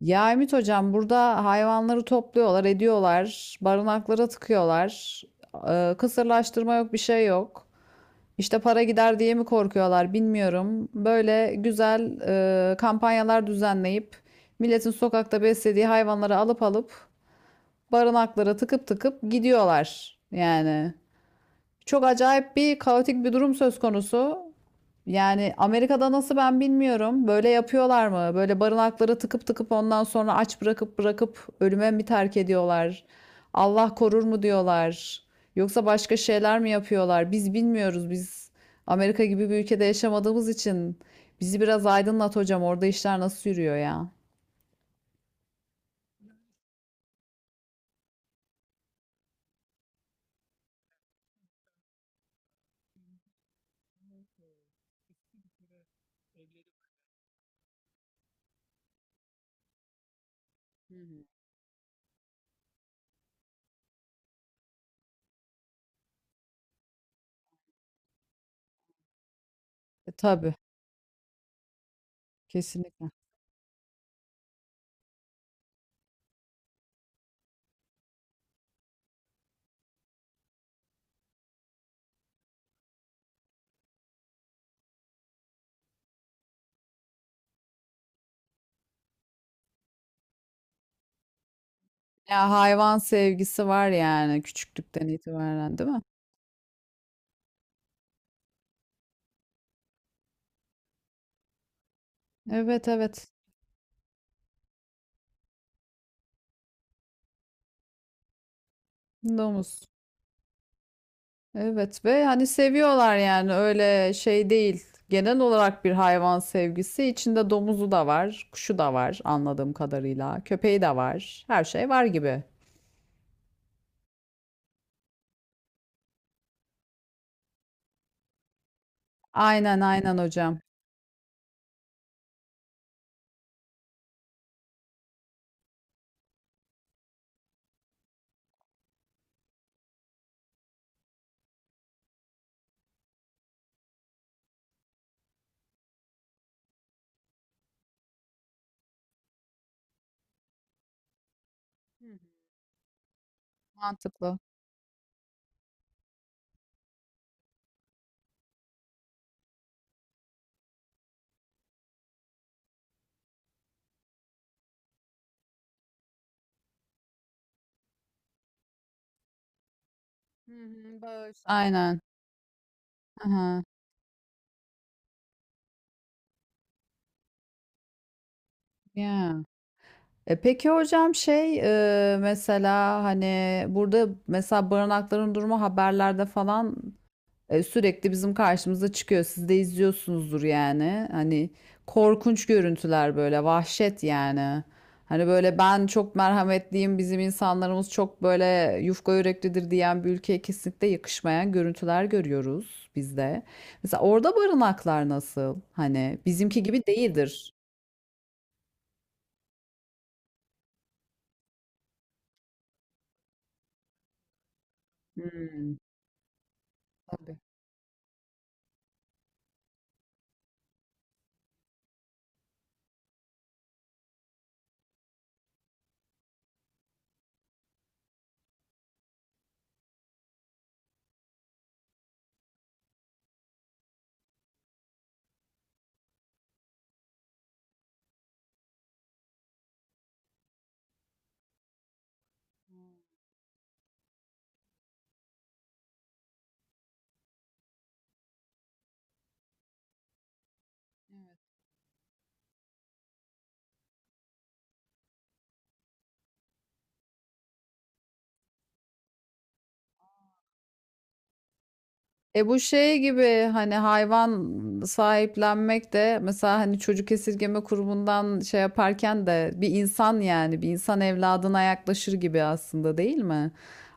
Ya Ümit Hocam burada hayvanları topluyorlar, ediyorlar, barınaklara tıkıyorlar. Kısırlaştırma yok, bir şey yok. İşte para gider diye mi korkuyorlar bilmiyorum. Böyle güzel kampanyalar düzenleyip milletin sokakta beslediği hayvanları alıp alıp barınaklara tıkıp tıkıp gidiyorlar. Yani çok acayip bir kaotik durum söz konusu. Yani Amerika'da nasıl ben bilmiyorum. Böyle yapıyorlar mı? Böyle barınakları tıkıp tıkıp ondan sonra aç bırakıp bırakıp ölüme mi terk ediyorlar? Allah korur mu diyorlar? Yoksa başka şeyler mi yapıyorlar? Biz bilmiyoruz. Amerika gibi bir ülkede yaşamadığımız için bizi biraz aydınlat hocam. Orada işler nasıl yürüyor ya? E, tabii, kesinlikle. Ya hayvan sevgisi var yani küçüklükten itibaren, değil mi? Evet, evet. Domuz. Evet ve hani seviyorlar yani öyle şey değil. Genel olarak bir hayvan sevgisi. İçinde domuzu da var, kuşu da var anladığım kadarıyla. Köpeği de var. Her şey var gibi. Aynen aynen hocam. Mantıklı. Hı hı, bağırsak. Aynen. Aha. Yeah. E peki hocam mesela hani burada mesela barınakların durumu haberlerde falan, sürekli bizim karşımıza çıkıyor. Siz de izliyorsunuzdur yani. Hani korkunç görüntüler böyle vahşet yani. Hani böyle ben çok merhametliyim, bizim insanlarımız çok böyle yufka yüreklidir diyen bir ülkeye kesinlikle yakışmayan görüntüler görüyoruz biz de. Mesela orada barınaklar nasıl? Hani bizimki gibi değildir. Hmm. E bu şey gibi hani hayvan sahiplenmek de mesela hani çocuk esirgeme kurumundan şey yaparken de bir insan yani bir insan evladına yaklaşır gibi aslında değil mi?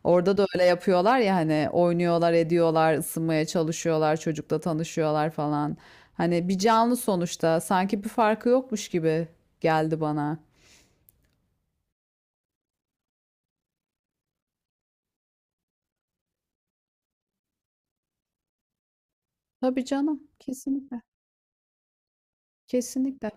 Orada da öyle yapıyorlar ya hani oynuyorlar, ediyorlar, ısınmaya çalışıyorlar, çocukla tanışıyorlar falan. Hani bir canlı sonuçta sanki bir farkı yokmuş gibi geldi bana. Tabii canım, kesinlikle. Kesinlikle.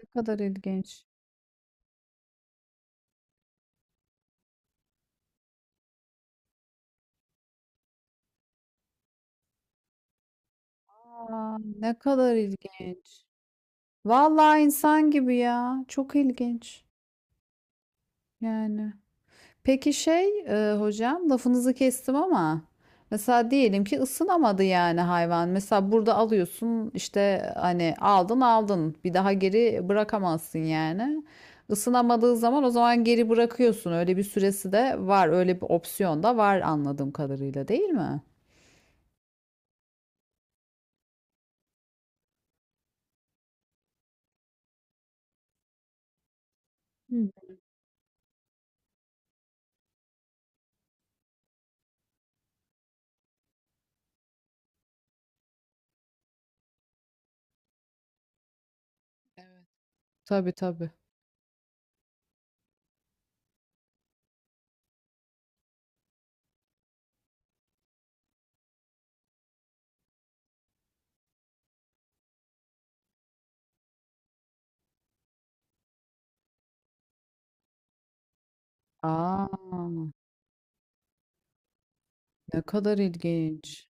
Ne kadar ilginç. Aa, ne kadar ilginç. Vallahi insan gibi ya. Çok ilginç. Yani. Peki hocam lafınızı kestim ama mesela diyelim ki ısınamadı yani hayvan. Mesela burada alıyorsun işte hani aldın aldın bir daha geri bırakamazsın yani. Isınamadığı zaman o zaman geri bırakıyorsun. Öyle bir süresi de var. Öyle bir opsiyon da var anladığım kadarıyla değil mi? Tabii tabii. Aa, ne kadar ilginç.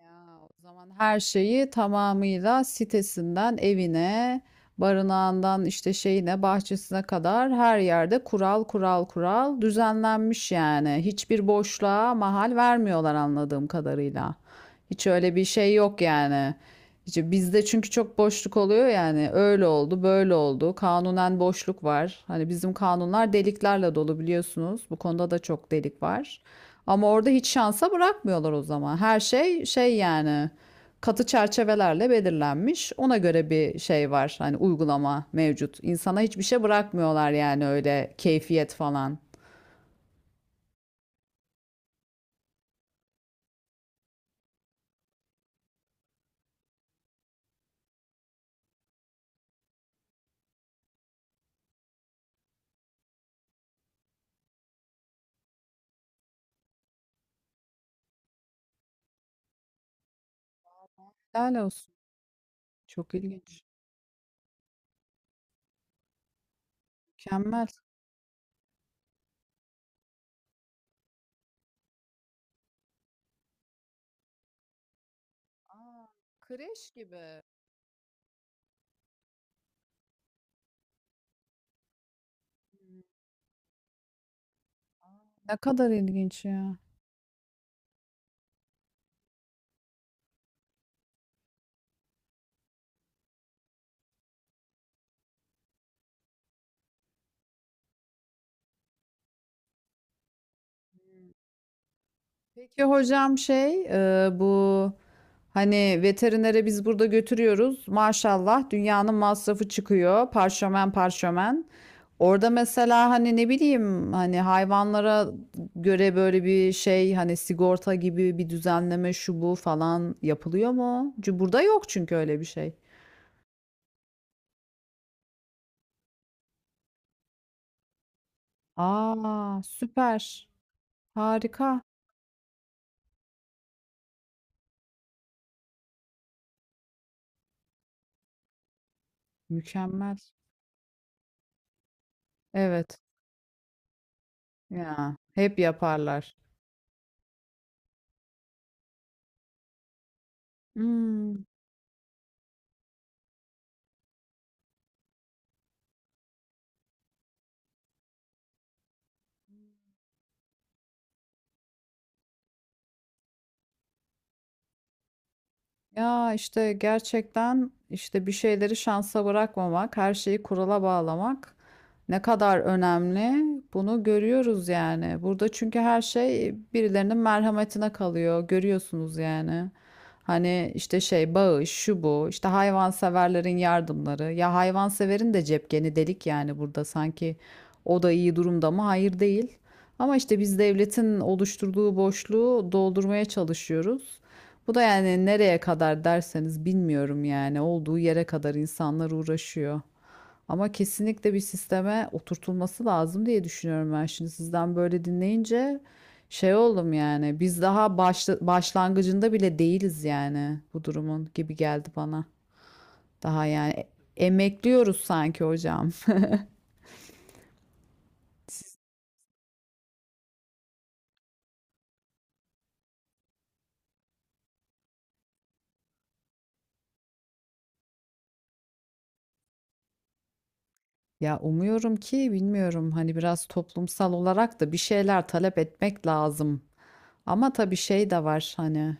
Ya, o zaman her şeyi tamamıyla sitesinden evine, barınağından işte şeyine, bahçesine kadar her yerde kural kural kural düzenlenmiş yani. Hiçbir boşluğa mahal vermiyorlar anladığım kadarıyla. Hiç öyle bir şey yok yani. İşte bizde çünkü çok boşluk oluyor yani. Öyle oldu, böyle oldu. Kanunen boşluk var. Hani bizim kanunlar deliklerle dolu biliyorsunuz. Bu konuda da çok delik var. Ama orada hiç şansa bırakmıyorlar o zaman. Her şey şey yani katı çerçevelerle belirlenmiş. Ona göre bir şey var. Hani uygulama mevcut. İnsana hiçbir şey bırakmıyorlar yani öyle keyfiyet falan. Helal olsun. Çok ilginç. Mükemmel. Aa, kreş gibi. Ne kadar ilginç ya. Peki hocam bu hani veterinere biz burada götürüyoruz. Maşallah dünyanın masrafı çıkıyor. Parşömen parşömen. Orada mesela hani ne bileyim hani hayvanlara göre böyle bir şey hani sigorta gibi bir düzenleme şu bu falan yapılıyor mu? Çünkü burada yok çünkü öyle bir şey. Aa, süper. Harika. Mükemmel. Evet. Ya hep yaparlar. Hmm. Ya işte gerçekten işte bir şeyleri şansa bırakmamak, her şeyi kurala bağlamak ne kadar önemli bunu görüyoruz yani. Burada çünkü her şey birilerinin merhametine kalıyor, görüyorsunuz yani. Hani işte şey bağış, şu bu, işte hayvanseverlerin yardımları. Ya hayvanseverin de cepkeni delik yani burada sanki o da iyi durumda mı? Hayır değil. Ama işte biz devletin oluşturduğu boşluğu doldurmaya çalışıyoruz. Bu da yani nereye kadar derseniz bilmiyorum yani olduğu yere kadar insanlar uğraşıyor. Ama kesinlikle bir sisteme oturtulması lazım diye düşünüyorum ben şimdi sizden böyle dinleyince şey oldum yani biz daha başlangıcında bile değiliz yani bu durumun gibi geldi bana. Daha yani emekliyoruz sanki hocam. Ya umuyorum ki bilmiyorum hani biraz toplumsal olarak da bir şeyler talep etmek lazım. Ama tabii şey de var hani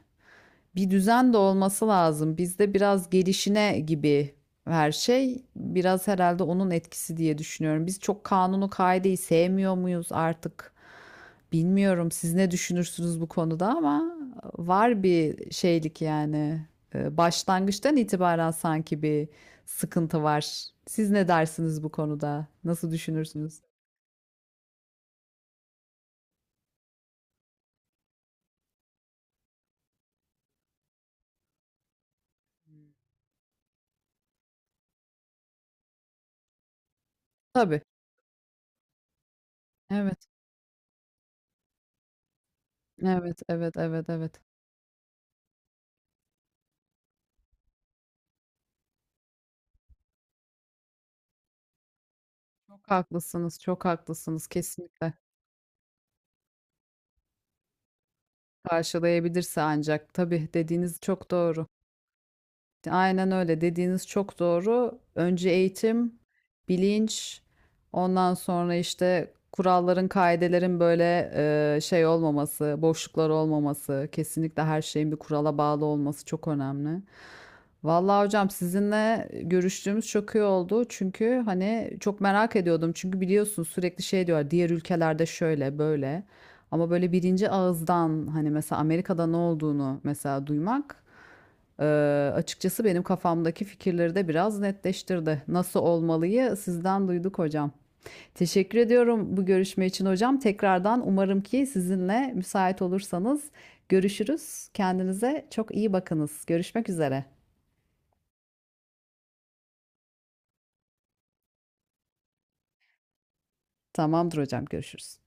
bir düzen de olması lazım. Bizde biraz gelişine gibi her şey. Biraz herhalde onun etkisi diye düşünüyorum. Biz çok kanunu kaideyi sevmiyor muyuz artık? Bilmiyorum siz ne düşünürsünüz bu konuda ama var bir şeylik yani. Başlangıçtan itibaren sanki bir sıkıntı var. Siz ne dersiniz bu konuda? Nasıl düşünürsünüz? Tabii. Evet. Evet, evet, evet, evet. Çok haklısınız, çok haklısınız kesinlikle. Karşılayabilirse ancak. Tabii dediğiniz çok doğru. Aynen öyle. Dediğiniz çok doğru. Önce eğitim, bilinç, ondan sonra işte kuralların, kaidelerin böyle şey olmaması, boşluklar olmaması, kesinlikle her şeyin bir kurala bağlı olması çok önemli. Vallahi hocam sizinle görüştüğümüz çok iyi oldu. Çünkü hani çok merak ediyordum. Çünkü biliyorsun sürekli şey diyorlar diğer ülkelerde şöyle böyle. Ama böyle birinci ağızdan hani mesela Amerika'da ne olduğunu mesela duymak, Eee, açıkçası benim kafamdaki fikirleri de biraz netleştirdi. Nasıl olmalıyı sizden duyduk hocam. Teşekkür ediyorum bu görüşme için hocam. Tekrardan umarım ki sizinle müsait olursanız görüşürüz. Kendinize çok iyi bakınız. Görüşmek üzere. Tamamdır hocam, görüşürüz.